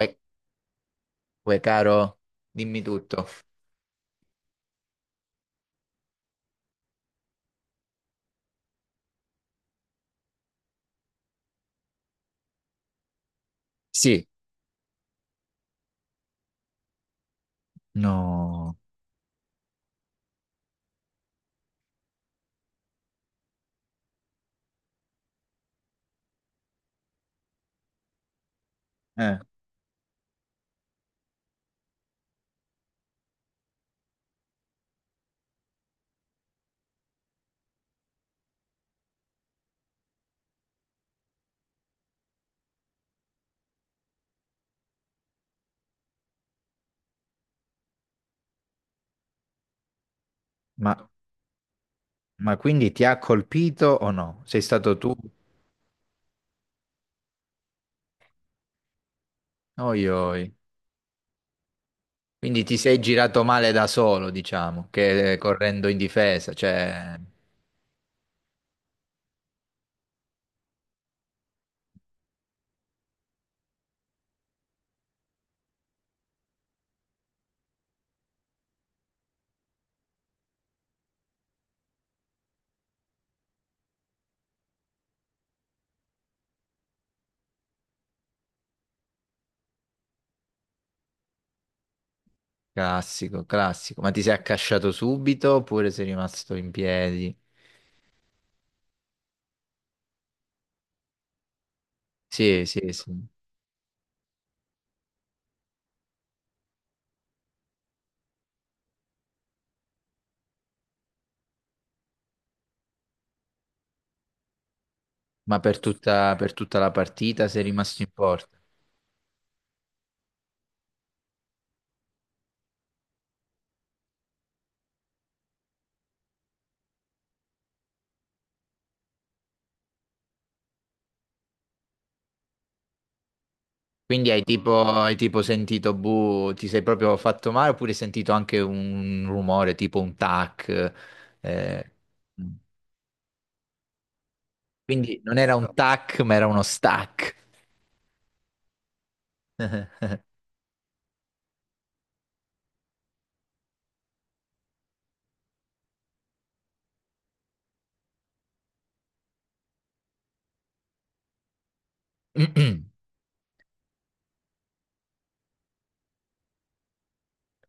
Uè, uè, caro, dimmi tutto. Sì, no. Eh, Ma, ma quindi ti ha colpito o no? Sei stato tu? Oi, oi. Quindi ti sei girato male da solo, diciamo, che correndo in difesa, cioè, classico, classico. Ma ti sei accasciato subito oppure sei rimasto in piedi? Sì, sì, sì. Ma per tutta la partita sei rimasto in porta? Quindi hai tipo sentito, buh, ti sei proprio fatto male oppure hai sentito anche un rumore tipo un tac? eh. Quindi non era un tac, ma era uno stack.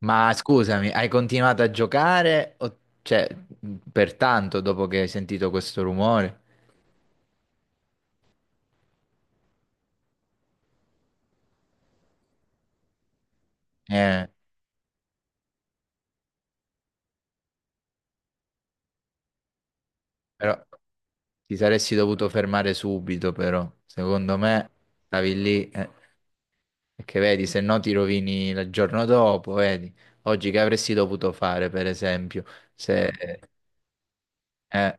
Ma scusami, hai continuato a giocare? Cioè, per tanto dopo che hai sentito questo rumore? Eh, però ti saresti dovuto fermare subito, però. Secondo me stavi lì. Perché vedi, se no ti rovini il giorno dopo, vedi. Oggi che avresti dovuto fare, per esempio, se... Mm. Eh,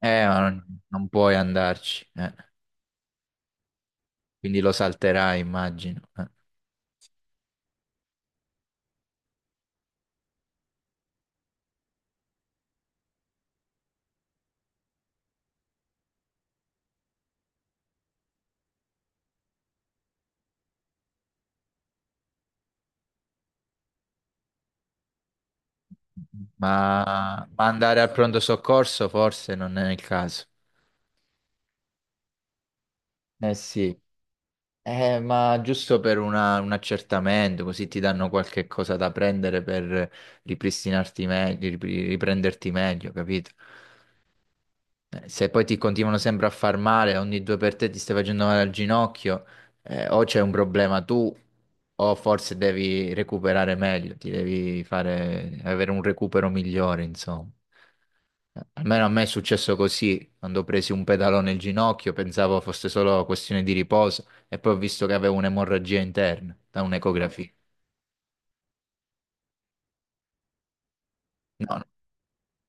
ma non puoi andarci, eh. Quindi lo salterai, immagino. Ma andare al pronto soccorso forse non è il caso. Eh sì. Ma giusto per una- un accertamento, così ti danno qualche cosa da prendere per ripristinarti meglio, riprenderti meglio, capito? Se poi ti continuano sempre a far male, ogni due per te ti stai facendo male al ginocchio, o c'è un problema tu, o forse devi recuperare meglio, ti devi fare, avere un recupero migliore, insomma. Almeno a me è successo così, quando ho preso un pedalone al ginocchio, pensavo fosse solo questione di riposo, e poi ho visto che avevo un'emorragia interna da un'ecografia. No,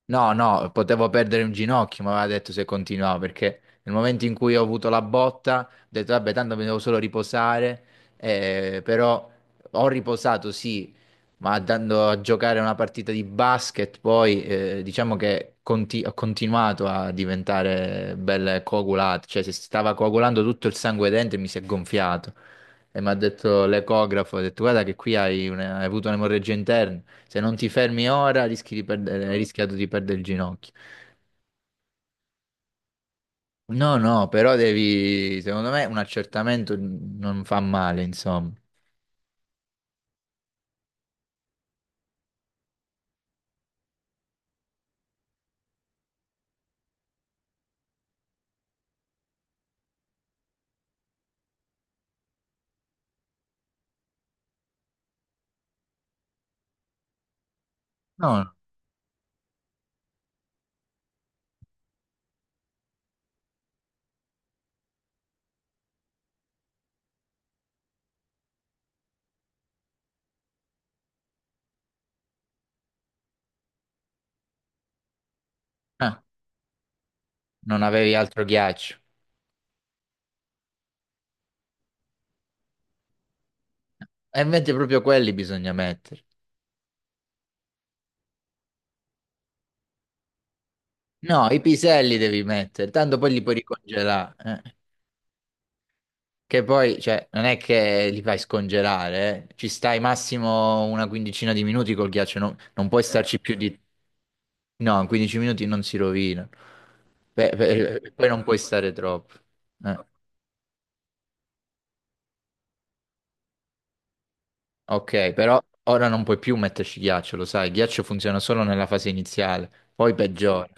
no, no, potevo perdere un ginocchio, mi aveva detto se continuavo, perché nel momento in cui ho avuto la botta, ho detto, vabbè, tanto mi devo solo riposare, però ho riposato, sì, ma andando a giocare una partita di basket, poi diciamo che ho continuato a diventare belle coagulate, cioè si stava coagulando tutto il sangue dentro e mi si è gonfiato. E mi ha detto l'ecografo, ha detto, guarda che qui hai, hai avuto un'emorragia interna. Se non ti fermi ora, rischi di perdere, hai rischiato di perdere il ginocchio. No, no, però devi, secondo me, un accertamento non fa male, insomma. No, no. Ah, non avevi altro ghiaccio. E invece proprio quelli bisogna mettere. No, i piselli devi mettere, tanto poi li puoi ricongelare. Eh. Che poi, cioè, non è che li fai scongelare, eh. Ci stai massimo una quindicina di minuti col ghiaccio, non puoi starci più di... No, in 15 minuti non si rovina. Beh, beh, poi non puoi stare troppo. Eh, ok, però ora non puoi più metterci ghiaccio, lo sai, il ghiaccio funziona solo nella fase iniziale, poi peggiora.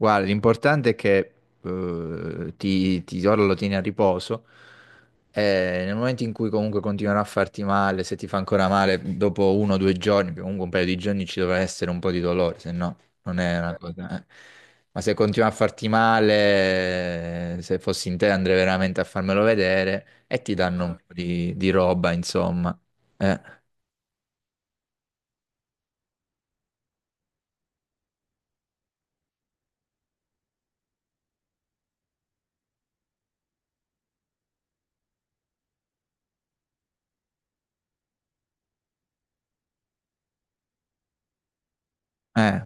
Guarda, l'importante è che ti ora lo tieni a riposo e nel momento in cui comunque continuerà a farti male, se ti fa ancora male dopo uno o due giorni, perché comunque un paio di giorni ci dovrà essere un po' di dolore, se no non è una cosa... Ma se continua a farti male, se fossi in te andrei veramente a farmelo vedere e ti danno un po' di roba, insomma. Eh, eh,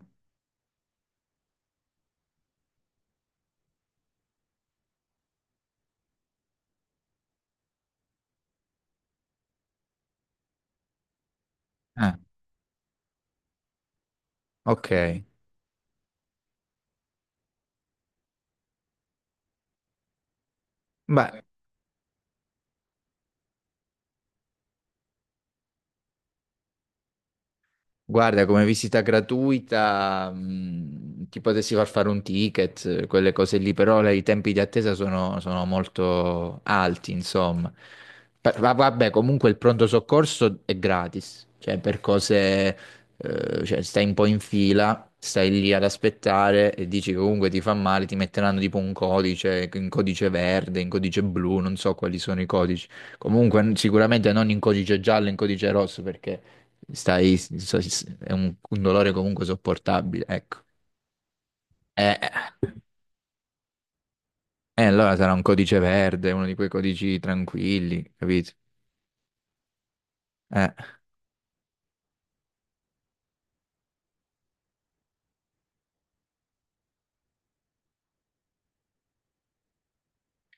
eh, ok. Beh, guarda, come visita gratuita, ti potessi far fare un ticket, quelle cose lì, però i tempi di attesa sono molto alti, insomma. Vabbè, comunque il pronto soccorso è gratis, cioè per cose, cioè stai un po' in fila, stai lì ad aspettare e dici che comunque ti fa male, ti metteranno tipo un codice, in codice verde, in codice blu, non so quali sono i codici. Comunque sicuramente non in codice giallo, in codice rosso, perché stai, so- è un dolore comunque sopportabile, ecco. Eh, eh, allora sarà un codice verde, uno di quei codici tranquilli, capito? Eh,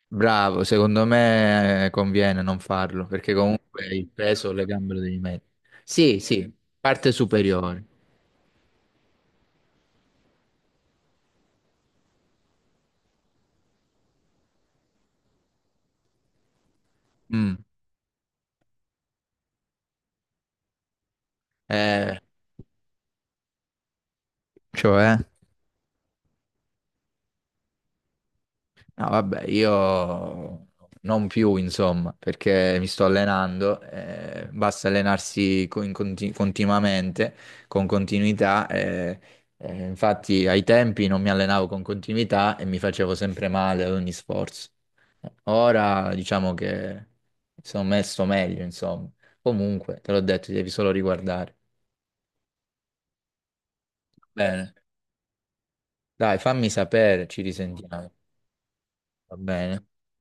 bravo, secondo me conviene non farlo, perché comunque il peso le gambe lo devi mettere. Sì, sì, parte superiore. Mm. Eh, cioè? No, vabbè, io non più, insomma, perché mi sto allenando, basta allenarsi continuamente, con continuità. Infatti ai tempi non mi allenavo con continuità e mi facevo sempre male ad ogni sforzo. Ora diciamo che sono messo meglio, insomma. Comunque, te l'ho detto, ti devi solo riguardare. Bene. Dai, fammi sapere, ci risentiamo. Va bene?